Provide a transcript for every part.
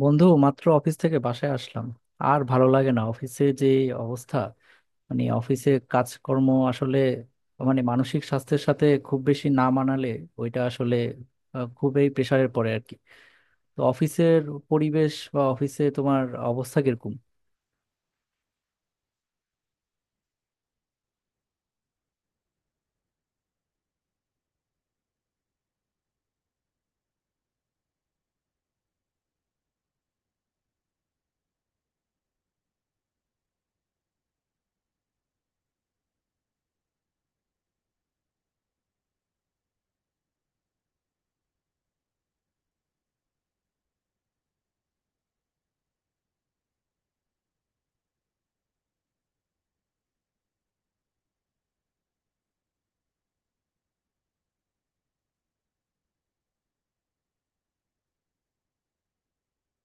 বন্ধু, মাত্র অফিস থেকে বাসায় আসলাম। আর ভালো লাগে না অফিসে, যে অবস্থা। মানে অফিসে কাজকর্ম আসলে, মানে মানসিক স্বাস্থ্যের সাথে খুব বেশি না মানালে ওইটা আসলে খুবই প্রেসারের পড়ে আর কি। তো অফিসের পরিবেশ বা অফিসে তোমার অবস্থা কিরকম?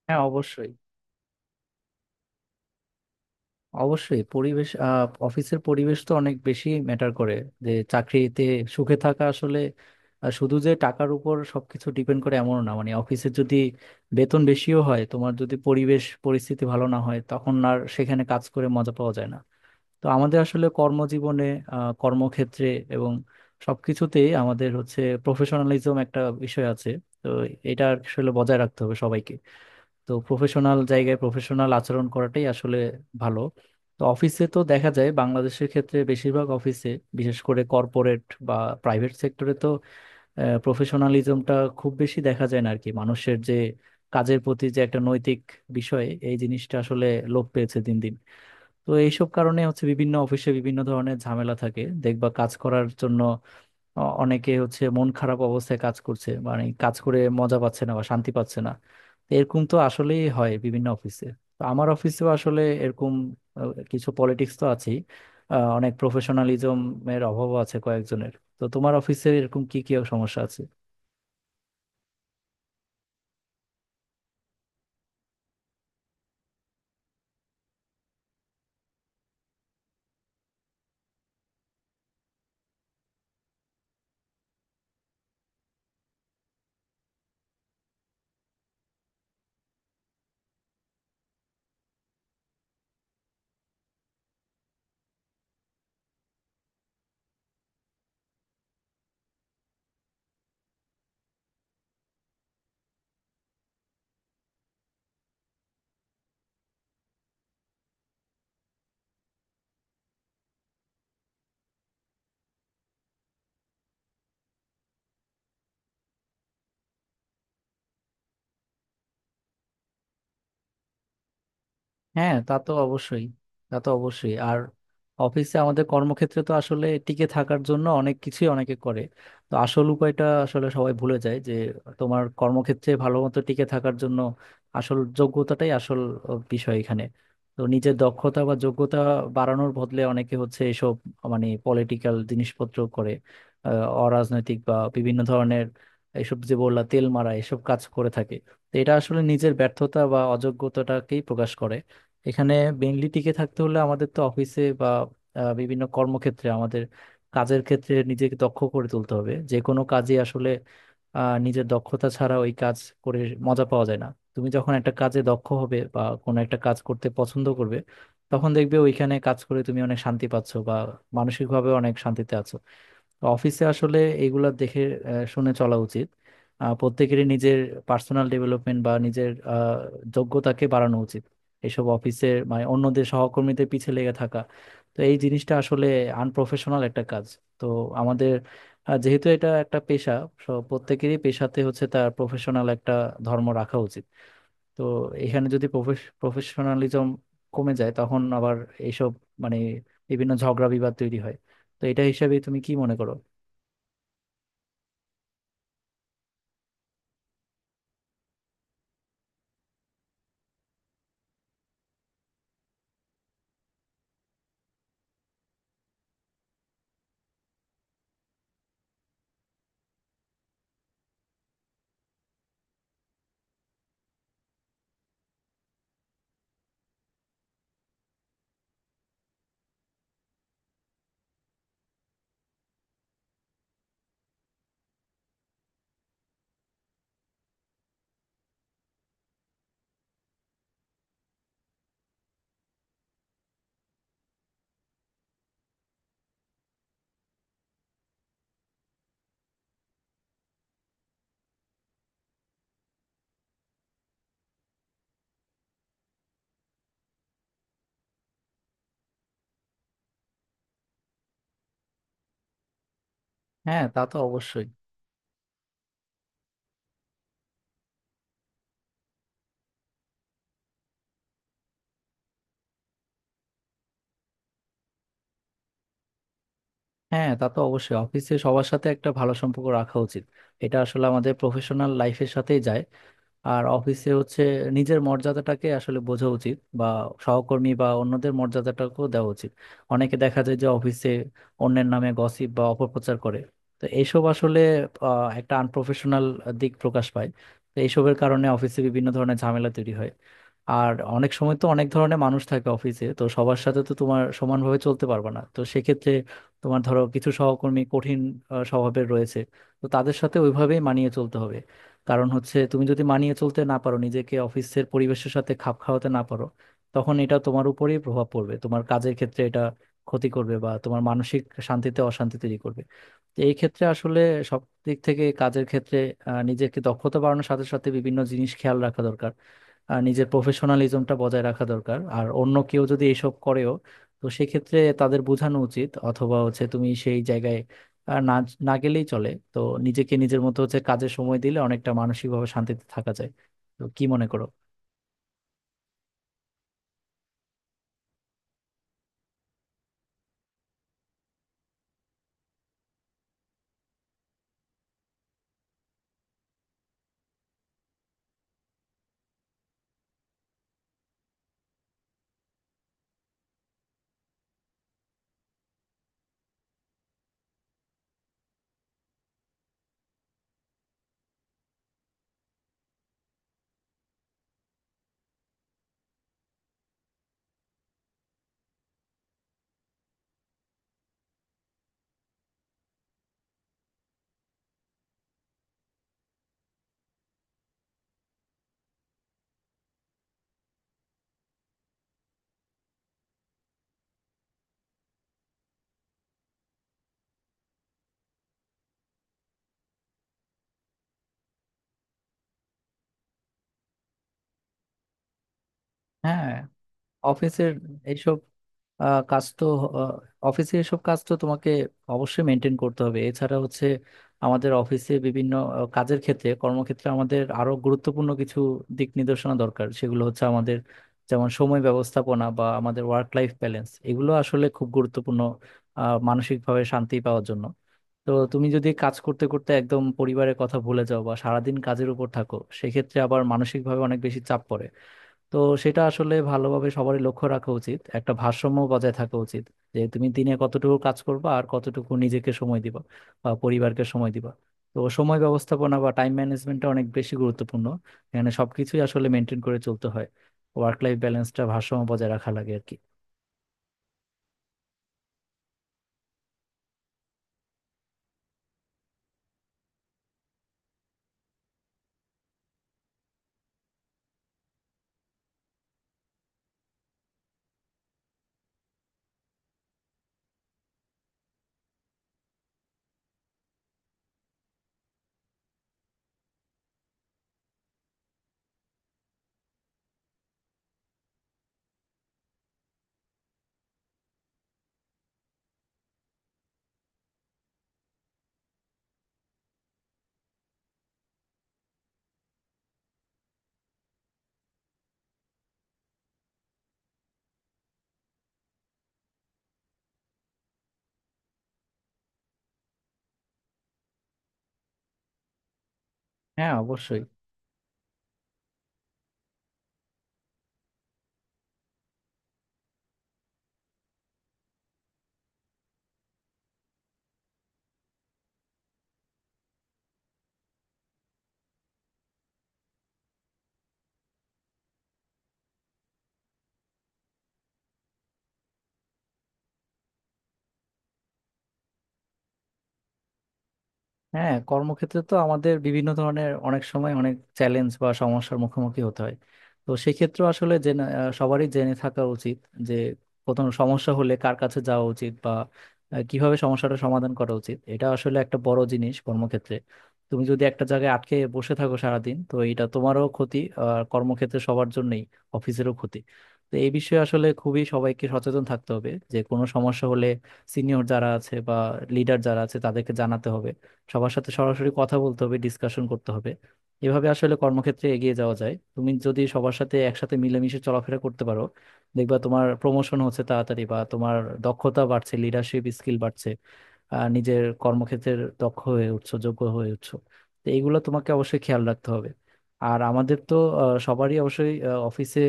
হ্যাঁ, অবশ্যই। অবশ্যই পরিবেশ, অফিসের পরিবেশ তো অনেক বেশি ম্যাটার করে, যে চাকরিতে সুখে থাকা আসলে শুধু যে টাকার উপর সবকিছু ডিপেন্ড করে এমন না। মানে অফিসে যদি বেতন বেশিও হয়, তোমার যদি পরিবেশ পরিস্থিতি ভালো না হয়, তখন আর সেখানে কাজ করে মজা পাওয়া যায় না। তো আমাদের আসলে কর্মজীবনে, কর্মক্ষেত্রে এবং সবকিছুতেই আমাদের হচ্ছে প্রফেশনালিজম একটা বিষয় আছে। তো এটা আসলে বজায় রাখতে হবে সবাইকে। তো প্রফেশনাল জায়গায় প্রফেশনাল আচরণ করাটাই আসলে ভালো। তো অফিসে তো দেখা যায় বাংলাদেশের ক্ষেত্রে বেশিরভাগ অফিসে, বিশেষ করে কর্পোরেট বা প্রাইভেট সেক্টরে তো প্রফেশনালিজমটা খুব বেশি দেখা যায় না আর কি। মানুষের যে কাজের প্রতি যে একটা নৈতিক বিষয়, এই জিনিসটা আসলে লোপ পেয়েছে দিন দিন। তো এইসব কারণে হচ্ছে বিভিন্ন অফিসে বিভিন্ন ধরনের ঝামেলা থাকে, দেখবা কাজ করার জন্য। অনেকে হচ্ছে মন খারাপ অবস্থায় কাজ করছে, মানে কাজ করে মজা পাচ্ছে না বা শান্তি পাচ্ছে না। তো এরকম তো আসলেই হয় বিভিন্ন অফিসে। তো আমার অফিসেও আসলে এরকম কিছু পলিটিক্স তো আছেই। অনেক প্রফেশনালিজম এর অভাবও আছে কয়েকজনের। তো তোমার অফিসে এরকম কি কি সমস্যা আছে? হ্যাঁ, তা তো অবশ্যই। তা তো অবশ্যই। আর অফিসে আমাদের কর্মক্ষেত্রে তো আসলে টিকে থাকার জন্য অনেক কিছুই অনেকে করে। তো আসল উপায়টা আসলে সবাই ভুলে যায় যে তোমার কর্মক্ষেত্রে ভালো মতো টিকে থাকার জন্য আসল যোগ্যতাটাই আসল বিষয় এখানে। তো নিজের দক্ষতা বা যোগ্যতা বাড়ানোর বদলে অনেকে হচ্ছে এসব, মানে পলিটিক্যাল জিনিসপত্র করে, আহ, অরাজনৈতিক বা বিভিন্ন ধরনের, এসব যে বললা তেল মারা এসব কাজ করে থাকে। তো এটা আসলে নিজের ব্যর্থতা বা অযোগ্যতাটাকেই প্রকাশ করে এখানে। বেঙ্গলি টিকে থাকতে হলে আমাদের তো অফিসে বা বিভিন্ন কর্মক্ষেত্রে আমাদের কাজের ক্ষেত্রে নিজেকে দক্ষ করে তুলতে হবে। যে কোনো কাজে আসলে নিজের দক্ষতা ছাড়া ওই কাজ করে মজা পাওয়া যায় না। তুমি যখন একটা কাজে দক্ষ হবে বা কোনো একটা কাজ করতে পছন্দ করবে, তখন দেখবে ওইখানে কাজ করে তুমি অনেক শান্তি পাচ্ছো বা মানসিকভাবে অনেক শান্তিতে আছো। তো অফিসে আসলে এগুলা দেখে শুনে চলা উচিত। প্রত্যেকেরই নিজের পার্সোনাল ডেভেলপমেন্ট বা নিজের যোগ্যতাকে বাড়ানো উচিত। এইসব অফিসের মানে অন্যদের সহকর্মীদের পিছে লেগে থাকা, তো এই জিনিসটা আসলে আনপ্রফেশনাল একটা কাজ। তো আমাদের যেহেতু এটা একটা পেশা, সব প্রত্যেকেরই পেশাতে হচ্ছে তার প্রফেশনাল একটা ধর্ম রাখা উচিত। তো এখানে যদি প্রফেশনালিজম কমে যায়, তখন আবার এইসব, মানে বিভিন্ন ঝগড়া বিবাদ তৈরি হয়। তো এটা হিসাবে তুমি কি মনে করো? হ্যাঁ, তা তো অবশ্যই। হ্যাঁ, তা তো অবশ্যই। অফিসে সবার সাথে একটা ভালো সম্পর্ক রাখা উচিত। এটা আসলে আমাদের প্রফেশনাল লাইফের সাথেই যায়। আর অফিসে হচ্ছে নিজের মর্যাদাটাকে আসলে বোঝা উচিত বা সহকর্মী বা অন্যদের মর্যাদাটাকেও দেওয়া উচিত। অনেকে দেখা যায় যে অফিসে অন্যের নামে গসিপ বা অপপ্রচার করে। তো এইসব আসলে একটা আনপ্রফেশনাল দিক প্রকাশ পায়। তো এইসবের কারণে অফিসে বিভিন্ন ধরনের ঝামেলা তৈরি হয়। আর অনেক সময় তো অনেক ধরনের মানুষ থাকে অফিসে, তো সবার সাথে তো তোমার সমানভাবে চলতে পারবে না। তো সেক্ষেত্রে তোমার ধরো কিছু সহকর্মী কঠিন স্বভাবের রয়েছে, তো তাদের সাথে ওইভাবেই মানিয়ে চলতে হবে। কারণ হচ্ছে তুমি যদি মানিয়ে চলতে না পারো, নিজেকে অফিসের পরিবেশের সাথে খাপ খাওয়াতে না পারো, তখন এটা তোমার উপরেই প্রভাব পড়বে। তোমার কাজের ক্ষেত্রে এটা ক্ষতি করবে বা তোমার মানসিক শান্তিতে অশান্তি তৈরি করবে। তো এই ক্ষেত্রে আসলে সব দিক থেকে কাজের ক্ষেত্রে নিজেকে দক্ষতা বাড়ানোর সাথে সাথে বিভিন্ন জিনিস খেয়াল রাখা দরকার। আর নিজের প্রফেশনালিজমটা বজায় রাখা দরকার। আর অন্য কেউ যদি এসব করেও, তো সেক্ষেত্রে তাদের বোঝানো উচিত, অথবা হচ্ছে তুমি সেই জায়গায় আর না না গেলেই চলে। তো নিজেকে নিজের মতো হচ্ছে কাজের সময় দিলে অনেকটা মানসিকভাবে শান্তিতে থাকা যায়। তো কি মনে করো? হ্যাঁ, অফিসের এইসব কাজ তো, আহ, অফিসে এসব কাজ তো তোমাকে অবশ্যই মেনটেন করতে হবে। এছাড়া হচ্ছে আমাদের অফিসে বিভিন্ন কাজের ক্ষেত্রে, কর্মক্ষেত্রে আমাদের আরো গুরুত্বপূর্ণ কিছু দিক নির্দেশনা দরকার। সেগুলো হচ্ছে আমাদের যেমন সময় ব্যবস্থাপনা বা আমাদের ওয়ার্ক লাইফ ব্যালেন্স, এগুলো আসলে খুব গুরুত্বপূর্ণ মানসিকভাবে শান্তি পাওয়ার জন্য। তো তুমি যদি কাজ করতে করতে একদম পরিবারের কথা ভুলে যাও বা সারাদিন কাজের উপর থাকো, সেক্ষেত্রে আবার মানসিকভাবে অনেক বেশি চাপ পড়ে। তো সেটা আসলে ভালোভাবে সবারই লক্ষ্য রাখা উচিত, একটা ভারসাম্য বজায় থাকা উচিত। যে তুমি দিনে কতটুকু কাজ করবা আর কতটুকু নিজেকে সময় দিবা বা পরিবারকে সময় দিবা। তো সময় ব্যবস্থাপনা বা টাইম ম্যানেজমেন্টটা অনেক বেশি গুরুত্বপূর্ণ। এখানে সবকিছুই আসলে মেনটেন করে চলতে হয়। ওয়ার্ক লাইফ ব্যালেন্সটা ভারসাম্য বজায় রাখা লাগে আর কি। হ্যাঁ, অবশ্যই। হ্যাঁ, কর্মক্ষেত্রে তো আমাদের বিভিন্ন ধরনের অনেক সময় অনেক চ্যালেঞ্জ বা সমস্যার মুখোমুখি হতে হয়। তো সেক্ষেত্রে আসলে জেনে, সবারই জেনে থাকা উচিত যে কোনো সমস্যা হলে কার কাছে যাওয়া উচিত বা কিভাবে সমস্যাটা সমাধান করা উচিত। এটা আসলে একটা বড় জিনিস কর্মক্ষেত্রে। তুমি যদি একটা জায়গায় আটকে বসে থাকো সারাদিন, তো এটা তোমারও ক্ষতি আর কর্মক্ষেত্রে সবার জন্যই, অফিসেরও ক্ষতি। তো এই বিষয়ে আসলে খুবই সবাইকে সচেতন থাকতে হবে যে কোনো সমস্যা হলে সিনিয়র যারা আছে বা লিডার যারা আছে তাদেরকে জানাতে হবে। সবার সাথে সরাসরি কথা বলতে হবে, ডিসকাশন করতে হবে। এভাবে আসলে কর্মক্ষেত্রে এগিয়ে যাওয়া যায়। তুমি যদি সবার সাথে একসাথে মিলেমিশে চলাফেরা করতে পারো, দেখবা তোমার প্রমোশন হচ্ছে তাড়াতাড়ি বা তোমার দক্ষতা বাড়ছে, লিডারশিপ স্কিল বাড়ছে, আর নিজের কর্মক্ষেত্রের দক্ষ হয়ে উঠছো, যোগ্য হয়ে উঠছো। তো এইগুলো তোমাকে অবশ্যই খেয়াল রাখতে হবে। আর আমাদের তো সবারই অবশ্যই অফিসে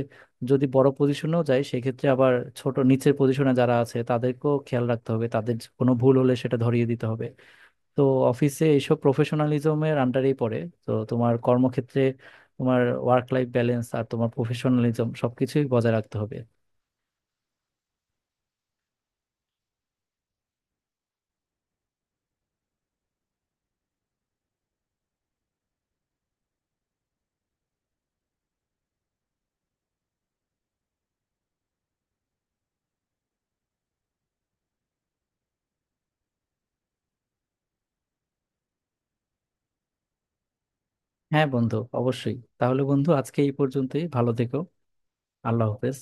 যদি বড় পজিশনেও যায়, সেক্ষেত্রে আবার ছোট নিচের পজিশনে যারা আছে তাদেরকেও খেয়াল রাখতে হবে। তাদের কোনো ভুল হলে সেটা ধরিয়ে দিতে হবে। তো অফিসে এইসব প্রফেশনালিজমের আন্ডারেই পড়ে। তো তোমার কর্মক্ষেত্রে তোমার ওয়ার্ক লাইফ ব্যালেন্স আর তোমার প্রফেশনালিজম সবকিছুই বজায় রাখতে হবে। হ্যাঁ বন্ধু, অবশ্যই। তাহলে বন্ধু, আজকে এই পর্যন্তই। ভালো থেকো। আল্লাহ হাফেজ।